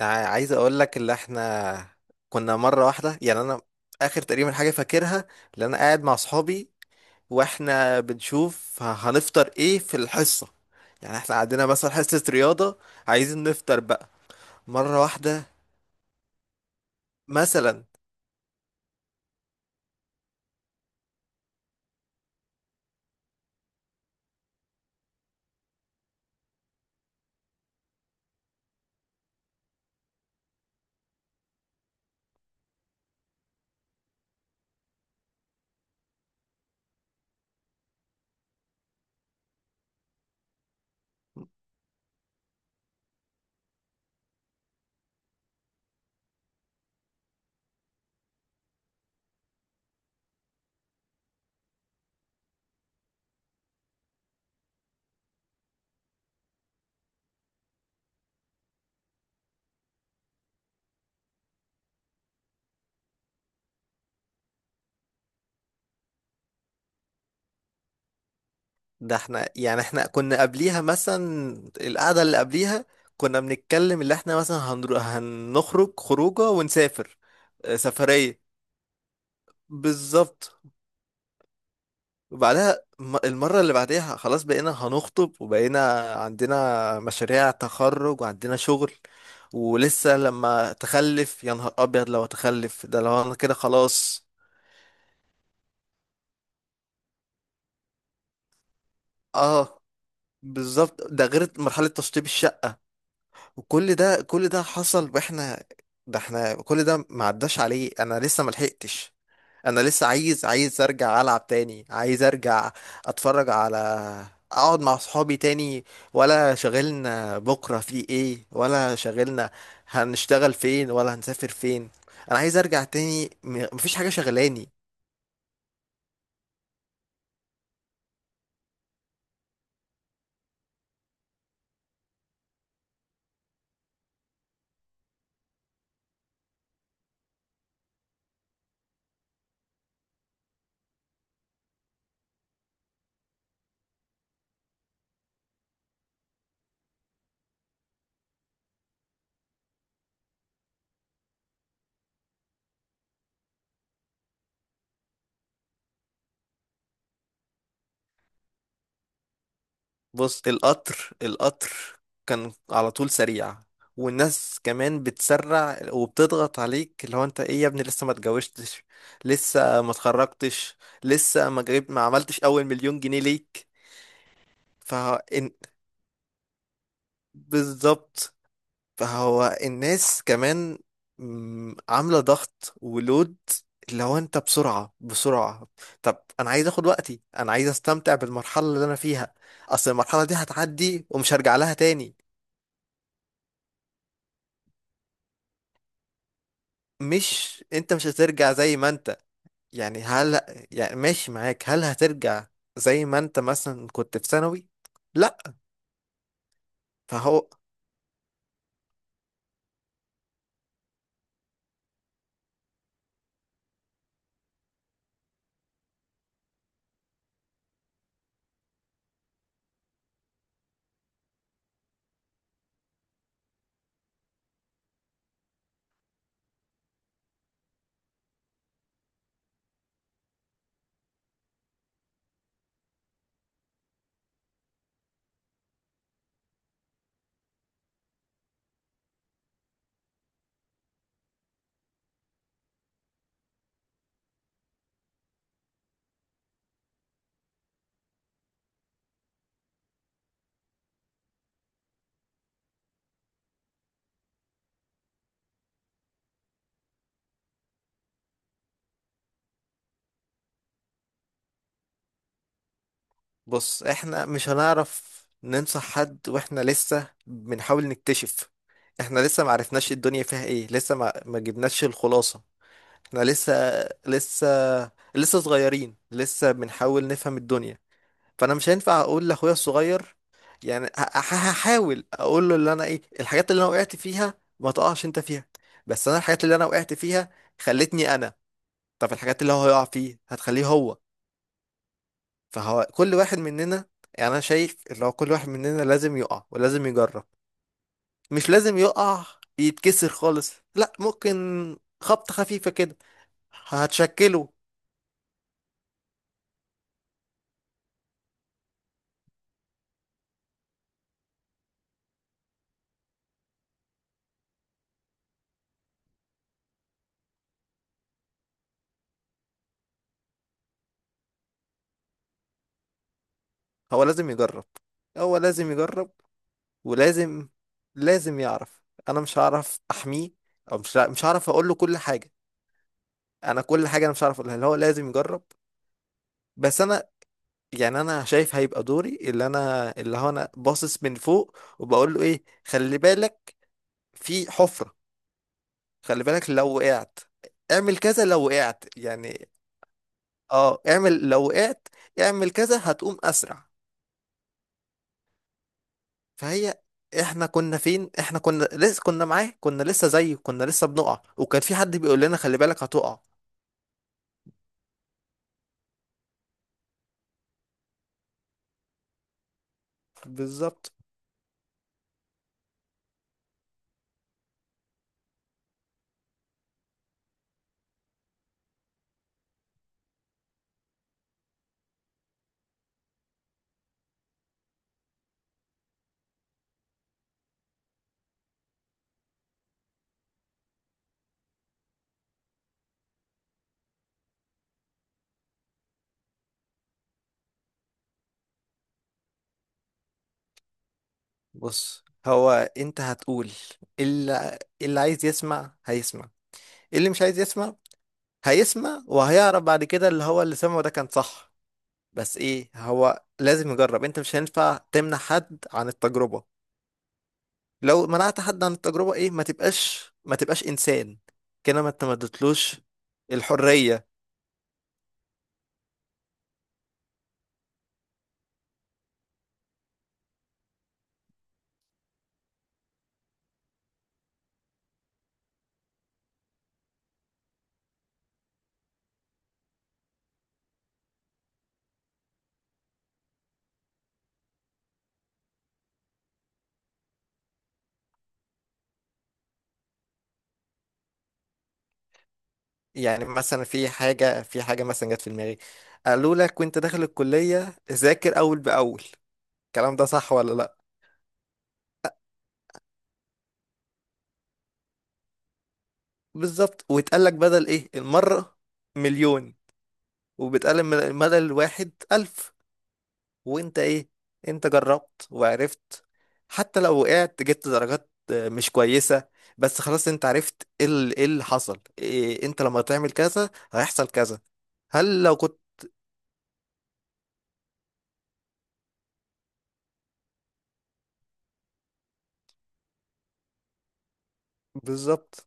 عايز اقول لك اللي احنا كنا مره واحده. يعني انا اخر تقريبا حاجه فاكرها، اللي انا قاعد مع اصحابي واحنا بنشوف هنفطر ايه في الحصه. يعني احنا عندنا مثلا حصه رياضه، عايزين نفطر بقى مره واحده مثلا. ده احنا يعني احنا كنا قبليها مثلا القعده اللي قبليها كنا بنتكلم اللي احنا مثلا هنخرج خروجه ونسافر. آه، سفريه، بالظبط. وبعدها المرة اللي بعديها خلاص بقينا هنخطب وبقينا عندنا مشاريع تخرج وعندنا شغل. ولسه لما تخلف يا نهار أبيض، لو هتخلف ده لو أنا كده خلاص. اه، بالظبط. ده غير مرحلة تشطيب الشقة. وكل ده كل ده حصل واحنا، ده احنا كل ده ما عداش عليه، انا لسه ما لحقتش. انا لسه عايز ارجع العب تاني، عايز ارجع اتفرج على، اقعد مع صحابي تاني، ولا شغلنا بكرة في ايه، ولا شغلنا هنشتغل فين، ولا هنسافر فين. انا عايز ارجع تاني، مفيش حاجة شغلاني. بص، القطر، القطر كان على طول سريع، والناس كمان بتسرع وبتضغط عليك، اللي هو انت ايه يا ابني، لسه ما اتجوزتش، لسه ما اتخرجتش، لسه ما جربت ما عملتش اول 1,000,000 جنيه ليك. ف بالظبط. فهو الناس كمان، عاملة ضغط ولود، اللي هو انت بسرعة بسرعة. طب انا عايز اخد وقتي، انا عايز استمتع بالمرحلة اللي انا فيها، اصل المرحلة دي هتعدي ومش هرجع لها تاني. مش انت مش هترجع زي ما انت. يعني هل يعني ماشي معاك، هل هترجع زي ما انت مثلا كنت في ثانوي؟ لا. فهو بص، احنا مش هنعرف ننصح حد واحنا لسه بنحاول نكتشف. احنا لسه ما عرفناش الدنيا فيها ايه، لسه ما جبناش الخلاصة. احنا لسه لسه صغيرين، لسه بنحاول نفهم الدنيا. فانا مش هينفع اقول لاخويا الصغير، يعني هحاول اقول له اللي انا ايه الحاجات اللي انا وقعت فيها، ما تقعش انت فيها. بس انا الحاجات اللي انا وقعت فيها خلتني انا، طب الحاجات اللي هو هيقع فيه هتخليه هو. فهو كل واحد مننا، يعني انا شايف اللي هو كل واحد مننا لازم يقع ولازم يجرب. مش لازم يقع يتكسر خالص، لا، ممكن خبطة خفيفة كده هتشكله. هو لازم يجرب هو لازم يجرب ولازم لازم يعرف. انا مش هعرف احميه، او مش هعرف اقول له كل حاجة. انا كل حاجة انا مش هعرف اقولها، اللي هو لازم يجرب. بس انا، يعني انا شايف هيبقى دوري اللي انا، اللي هو انا باصص من فوق وبقول له ايه، خلي بالك في حفرة، خلي بالك لو وقعت اعمل كذا، لو وقعت يعني، اه اعمل لو وقعت اعمل كذا هتقوم اسرع. فهي احنا كنا فين، احنا كنا لسه كنا معاه، كنا لسه زيه، كنا لسه بنقع وكان في حد بيقول لنا خلي بالك هتقع. بالظبط. بص هو، انت هتقول اللي اللي عايز يسمع هيسمع، اللي مش عايز يسمع هيسمع وهيعرف بعد كده اللي هو اللي سمعه ده كان صح. بس ايه، هو لازم يجرب، انت مش هينفع تمنع حد عن التجربة. لو منعت حد عن التجربة ايه، ما تبقاش انسان كده، ما انت ما اديتلوش الحرية. يعني مثلا، في حاجة مثلا جت في دماغي، قالوا لك وانت داخل الكلية ذاكر اول باول، الكلام ده صح ولا لا؟ بالظبط. واتقال لك بدل ايه المرة، 1,000,000. وبتقال بدل الواحد 1,000. وانت ايه، انت جربت وعرفت، حتى لو وقعت جبت درجات مش كويسة، بس خلاص انت عرفت ايه ايه اللي حصل، إيه انت لما تعمل كذا هيحصل كذا. هل لو كنت بالظبط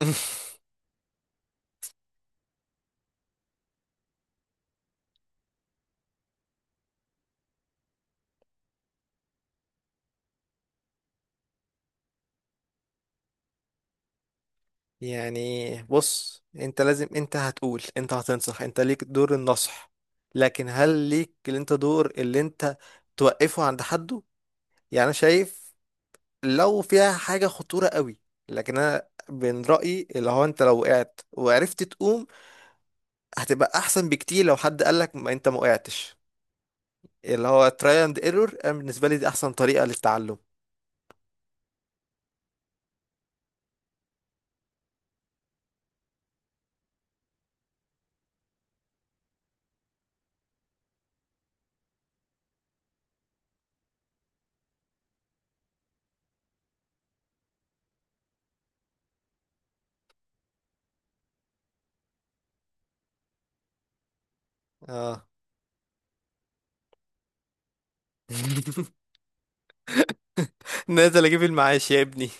يعني بص انت لازم، انت هتقول، انت هتنصح، انت ليك دور النصح، لكن هل ليك اللي انت دور اللي انت توقفه عند حده؟ يعني انا شايف لو فيها حاجة خطورة قوي، لكن أنا من رأيي اللي هو أنت لو وقعت وعرفت تقوم هتبقى أحسن بكتير لو حد قالك ما أنت ما وقعتش. اللي هو تراي اند ايرور، أنا بالنسبة لي دي أحسن طريقة للتعلم. آه نازل أجيب المعاش يا ابني.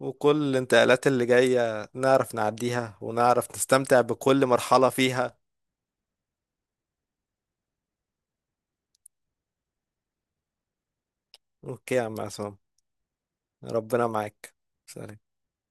وكل الانتقالات اللي جاية نعرف نعديها ونعرف نستمتع بكل مرحلة فيها. أوكي يا عم عصام. ربنا معاك. سلام.